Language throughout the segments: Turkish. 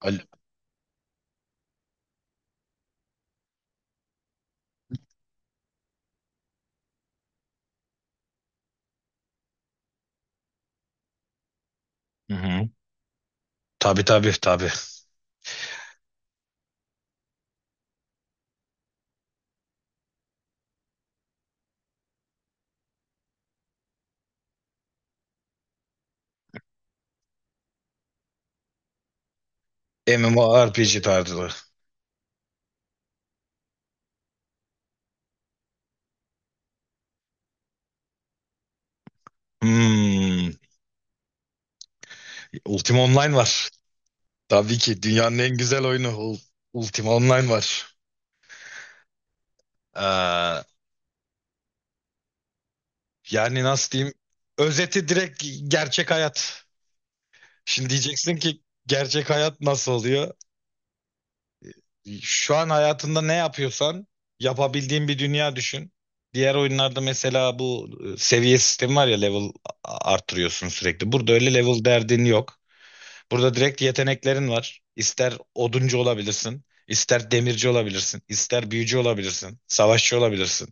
Al- Hı hı. Tabii, tabii, tabii. MMORPG tarzı. Hmm. Ultima Online var. Tabii ki dünyanın en güzel oyunu Ultima Online var. Ee, yani nasıl diyeyim? Özeti direkt gerçek hayat. Şimdi diyeceksin ki gerçek hayat nasıl oluyor? Şu an hayatında ne yapıyorsan yapabildiğin bir dünya düşün. Diğer oyunlarda mesela bu seviye sistemi var ya, level arttırıyorsun sürekli. Burada öyle level derdin yok. Burada direkt yeteneklerin var. İster oduncu olabilirsin, ister demirci olabilirsin, ister büyücü olabilirsin, savaşçı olabilirsin.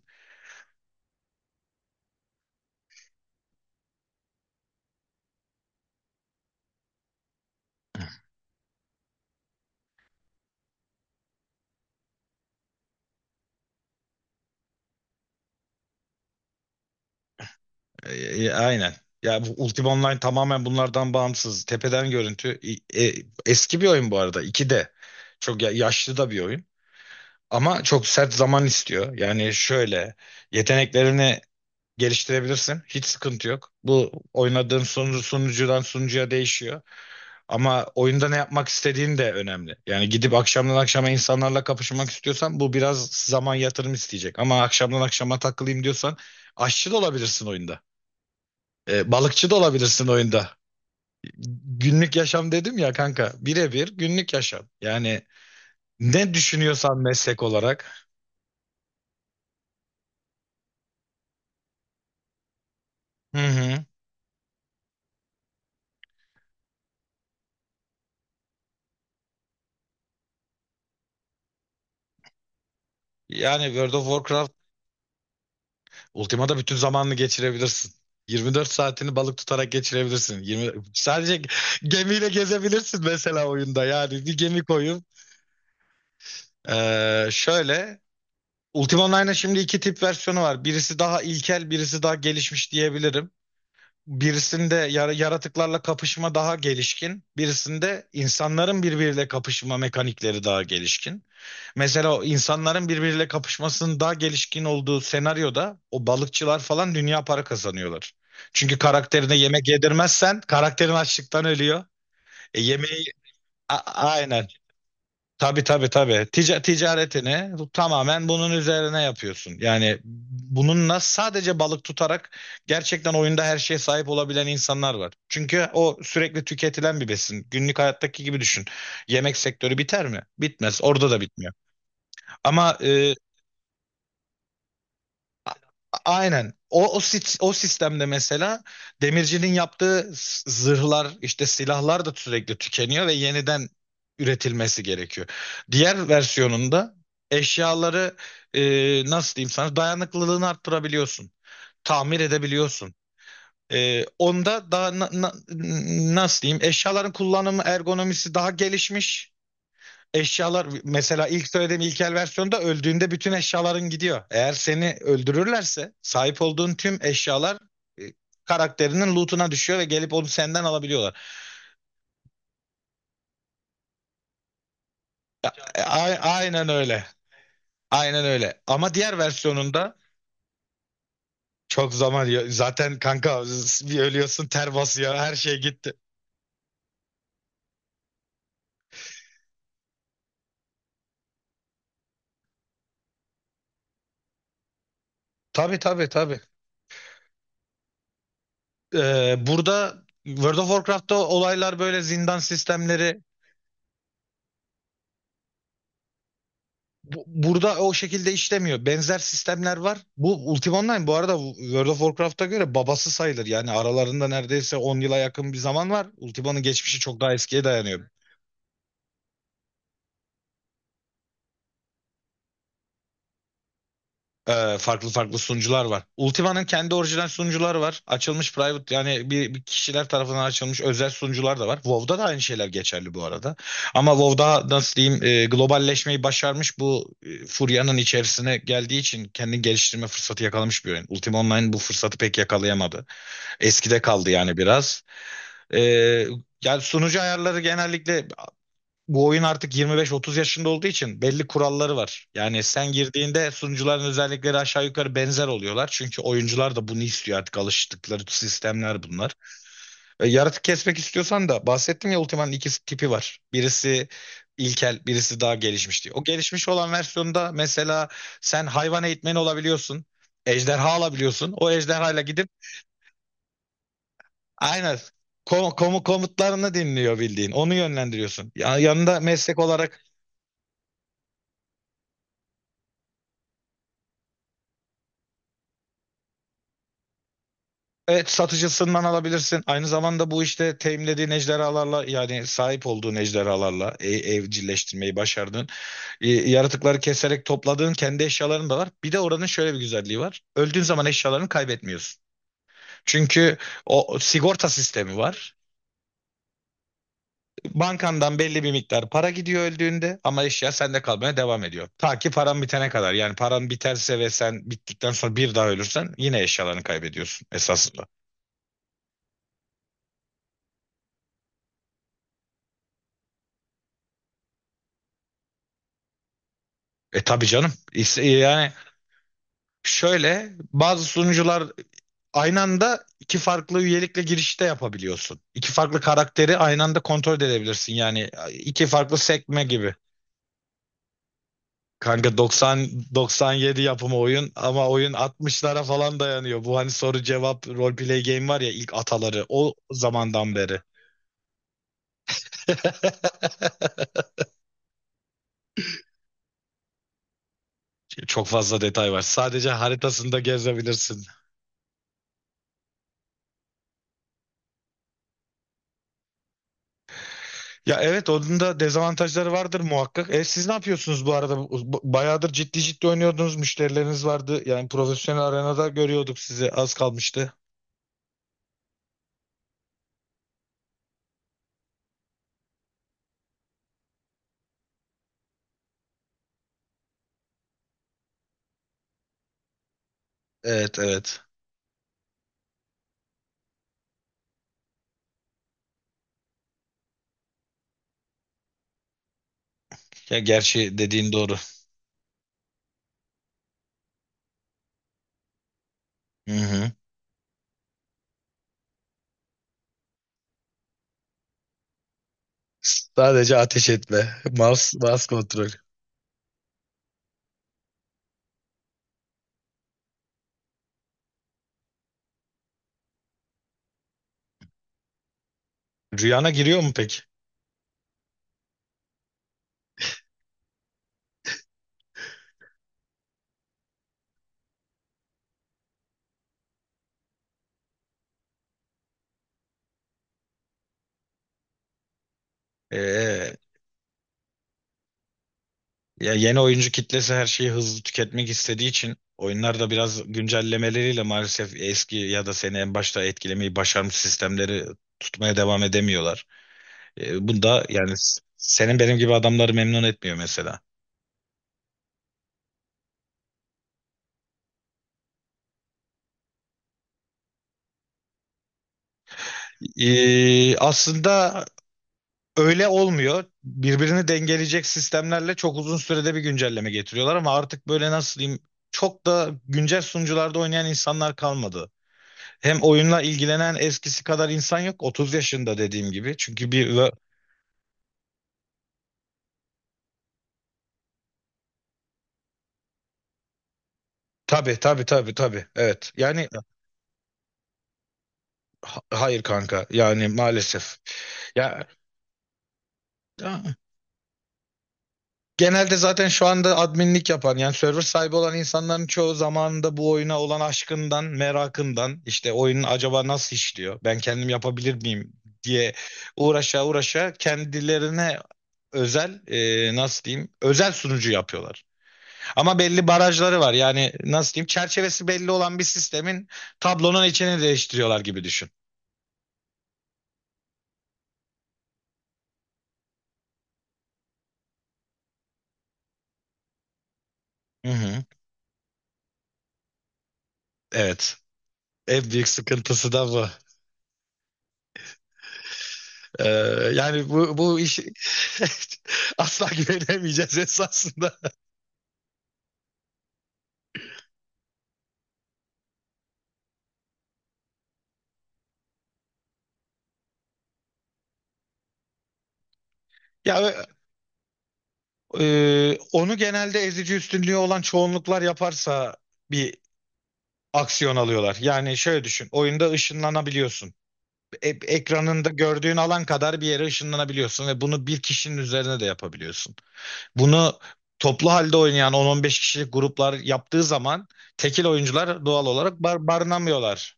Aynen. Ya, bu Ultima Online tamamen bunlardan bağımsız. Tepeden görüntü. E, e, eski bir oyun bu arada. 2 de Çok yaşlı da bir oyun. Ama çok sert zaman istiyor. Yani şöyle, yeteneklerini geliştirebilirsin. Hiç sıkıntı yok. Bu oynadığın sunucu, sunucudan sunucuya değişiyor. Ama oyunda ne yapmak istediğin de önemli. Yani gidip akşamdan akşama insanlarla kapışmak istiyorsan bu biraz zaman yatırım isteyecek. Ama akşamdan akşama takılayım diyorsan, aşçı da olabilirsin oyunda. Balıkçı da olabilirsin oyunda. Günlük yaşam dedim ya, kanka. Birebir günlük yaşam. Yani ne düşünüyorsan meslek olarak. Hı hı. Yani World of Warcraft. Ultima'da bütün zamanını geçirebilirsin. 24 saatini balık tutarak geçirebilirsin. 20 sadece gemiyle gezebilirsin mesela oyunda. Yani bir gemi koyup. Şöyle, Ultima Online'ın şimdi iki tip versiyonu var. Birisi daha ilkel, birisi daha gelişmiş diyebilirim. Birisinde yaratıklarla kapışma daha gelişkin, birisinde insanların birbiriyle kapışma mekanikleri daha gelişkin. Mesela o insanların birbiriyle kapışmasının daha gelişkin olduğu senaryoda o balıkçılar falan dünya para kazanıyorlar. Çünkü karakterine yemek yedirmezsen karakterin açlıktan ölüyor. Yemeği. Aynen. Tabii, tabii, tabii. Ticaretini tamamen bunun üzerine yapıyorsun. Yani bununla sadece balık tutarak gerçekten oyunda her şeye sahip olabilen insanlar var. Çünkü o sürekli tüketilen bir besin. Günlük hayattaki gibi düşün. Yemek sektörü biter mi? Bitmez. Orada da bitmiyor. Ama aynen. O sistemde mesela demircinin yaptığı zırhlar, işte silahlar da sürekli tükeniyor ve yeniden üretilmesi gerekiyor. Diğer versiyonunda eşyaları, e, nasıl diyeyim sana, dayanıklılığını arttırabiliyorsun. Tamir edebiliyorsun. Onda daha nasıl diyeyim, eşyaların kullanımı ergonomisi daha gelişmiş eşyalar. Mesela ilk söylediğim ilkel versiyonda öldüğünde bütün eşyaların gidiyor. Eğer seni öldürürlerse sahip olduğun tüm eşyalar e, karakterinin lootuna düşüyor ve gelip onu senden alabiliyorlar. Ya, aynen öyle. Aynen öyle. Ama diğer versiyonunda çok zaman yiyor. Zaten, kanka, bir ölüyorsun, ter basıyor, her şey gitti. Tabii, tabii, tabii. Burada World of Warcraft'ta olaylar böyle zindan sistemleri, burada o şekilde işlemiyor. Benzer sistemler var. Bu Ultima Online bu arada World of Warcraft'a göre babası sayılır. Yani aralarında neredeyse 10 yıla yakın bir zaman var. Ultima'nın geçmişi çok daha eskiye dayanıyor. Farklı farklı sunucular var. Ultima'nın kendi orijinal sunucuları var. Açılmış private, yani bir kişiler tarafından açılmış özel sunucular da var. WoW'da da aynı şeyler geçerli bu arada. Ama WoW'da nasıl diyeyim, globalleşmeyi başarmış bu, furyanın içerisine geldiği için kendini geliştirme fırsatı yakalamış bir oyun. Ultima Online bu fırsatı pek yakalayamadı. Eskide kaldı yani biraz. Ee, yani sunucu ayarları genellikle, bu oyun artık 25-30 yaşında olduğu için belli kuralları var. Yani sen girdiğinde sunucuların özellikleri aşağı yukarı benzer oluyorlar. Çünkü oyuncular da bunu istiyor, artık alıştıkları sistemler bunlar. Yaratık kesmek istiyorsan da bahsettim ya, Ultima'nın iki tipi var. Birisi ilkel, birisi daha gelişmiş diye. O gelişmiş olan versiyonda mesela sen hayvan eğitmeni olabiliyorsun. Ejderha alabiliyorsun. O ejderhayla gidip. Aynen. Komutlarını dinliyor, bildiğin. Onu yönlendiriyorsun. Yanında meslek olarak, evet, satıcısından alabilirsin. Aynı zamanda bu işte teminlediğin ejderhalarla, yani sahip olduğun ejderhalarla, evcilleştirmeyi başardığın, yaratıkları keserek topladığın kendi eşyaların da var. Bir de oranın şöyle bir güzelliği var. Öldüğün zaman eşyalarını kaybetmiyorsun. Çünkü o sigorta sistemi var. Bankandan belli bir miktar para gidiyor öldüğünde ama eşya sende kalmaya devam ediyor. Ta ki paran bitene kadar. Yani paran biterse ve sen bittikten sonra bir daha ölürsen yine eşyalarını kaybediyorsun esasında. E, tabii canım. İşte, yani, şöyle bazı sunucular aynı anda iki farklı üyelikle girişte yapabiliyorsun. İki farklı karakteri aynı anda kontrol edebilirsin. Yani iki farklı sekme gibi. Kanka, 90 97 yapımı oyun ama oyun 60'lara falan dayanıyor. Bu hani soru cevap roleplay game var ya, ilk ataları o zamandan beri. Çok fazla detay var. Sadece haritasında gezebilirsin. Ya, evet, onun da dezavantajları vardır muhakkak. E, siz ne yapıyorsunuz bu arada? Bayağıdır ciddi ciddi oynuyordunuz. Müşterileriniz vardı. Yani profesyonel arenada görüyorduk sizi. Az kalmıştı. Evet, evet. Ya, gerçi dediğin doğru. Hı hı. Sadece ateş etme. Mouse kontrol. Rüyana giriyor mu peki? Ee, ya, yeni oyuncu kitlesi her şeyi hızlı tüketmek istediği için oyunlar da biraz güncellemeleriyle maalesef eski ya da seni en başta etkilemeyi başarmış sistemleri tutmaya devam edemiyorlar. Bu, yani senin benim gibi adamları memnun etmiyor mesela. Aslında öyle olmuyor. Birbirini dengeleyecek sistemlerle çok uzun sürede bir güncelleme getiriyorlar ama artık böyle, nasıl diyeyim, çok da güncel sunucularda oynayan insanlar kalmadı. Hem oyunla ilgilenen eskisi kadar insan yok. 30 yaşında dediğim gibi. Tabii, tabii, tabii, tabii. Evet. Yani hayır, kanka. Yani maalesef. Ya ya, genelde zaten şu anda adminlik yapan, yani server sahibi olan insanların çoğu zamanında bu oyuna olan aşkından, merakından, işte oyunun acaba nasıl işliyor? Ben kendim yapabilir miyim diye uğraşa uğraşa kendilerine özel, nasıl diyeyim, özel sunucu yapıyorlar. Ama belli barajları var. Yani nasıl diyeyim? Çerçevesi belli olan bir sistemin tablonun içini değiştiriyorlar gibi düşün. Hı hı. Evet. En büyük sıkıntısı da bu. Ee, yani bu iş, asla güvenemeyeceğiz esasında. Ya, onu genelde ezici üstünlüğü olan çoğunluklar yaparsa bir aksiyon alıyorlar. Yani şöyle düşün, oyunda ışınlanabiliyorsun. Ekranında gördüğün alan kadar bir yere ışınlanabiliyorsun ve bunu bir kişinin üzerine de yapabiliyorsun. Bunu toplu halde oynayan 10-15 kişilik gruplar yaptığı zaman tekil oyuncular doğal olarak barınamıyorlar.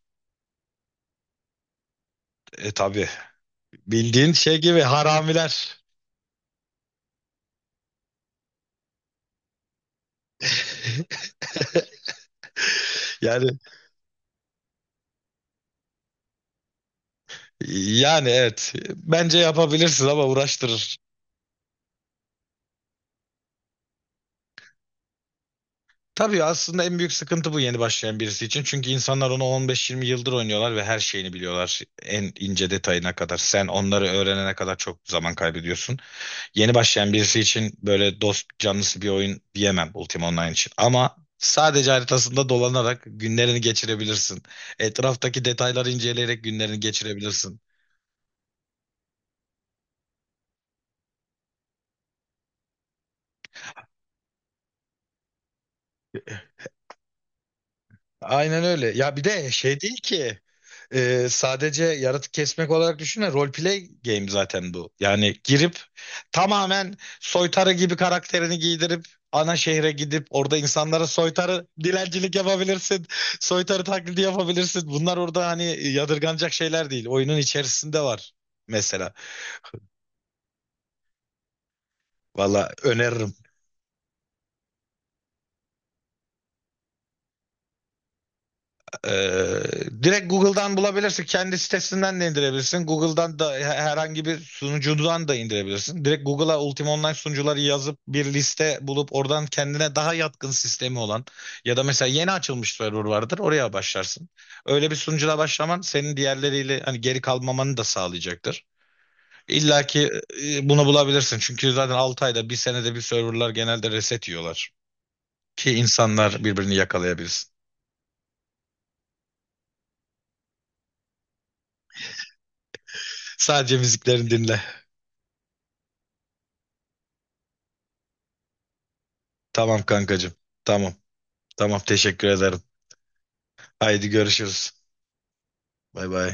E, tabii, bildiğin şey gibi haramiler. Yani yani, evet, bence yapabilirsin ama uğraştırır. Tabii aslında en büyük sıkıntı bu, yeni başlayan birisi için. Çünkü insanlar onu 15-20 yıldır oynuyorlar ve her şeyini biliyorlar. En ince detayına kadar. Sen onları öğrenene kadar çok zaman kaybediyorsun. Yeni başlayan birisi için böyle dost canlısı bir oyun diyemem Ultima Online için. Ama sadece haritasında dolanarak günlerini geçirebilirsin. Etraftaki detayları inceleyerek günlerini geçirebilirsin. Aynen öyle. Ya, bir de şey değil ki. Sadece yaratık kesmek olarak düşünme. Roleplay game zaten bu. Yani girip tamamen soytarı gibi karakterini giydirip ana şehre gidip orada insanlara soytarı dilencilik yapabilirsin. Soytarı taklidi yapabilirsin. Bunlar orada hani yadırganacak şeyler değil. Oyunun içerisinde var mesela. Valla öneririm. Ee, direkt Google'dan bulabilirsin. Kendi sitesinden de indirebilirsin. Google'dan da herhangi bir sunucudan da indirebilirsin. Direkt Google'a Ultima Online sunucuları yazıp bir liste bulup oradan kendine daha yatkın sistemi olan ya da mesela yeni açılmış server vardır. Oraya başlarsın. Öyle bir sunucuda başlaman senin diğerleriyle hani geri kalmamanı da sağlayacaktır. İlla ki, bunu bulabilirsin. Çünkü zaten 6 ayda bir, senede bir, serverlar genelde reset yiyorlar. Ki insanlar birbirini yakalayabilsin. Sadece müziklerini dinle. Tamam, kankacığım. Tamam. Tamam, teşekkür ederim. Haydi görüşürüz. Bay bay.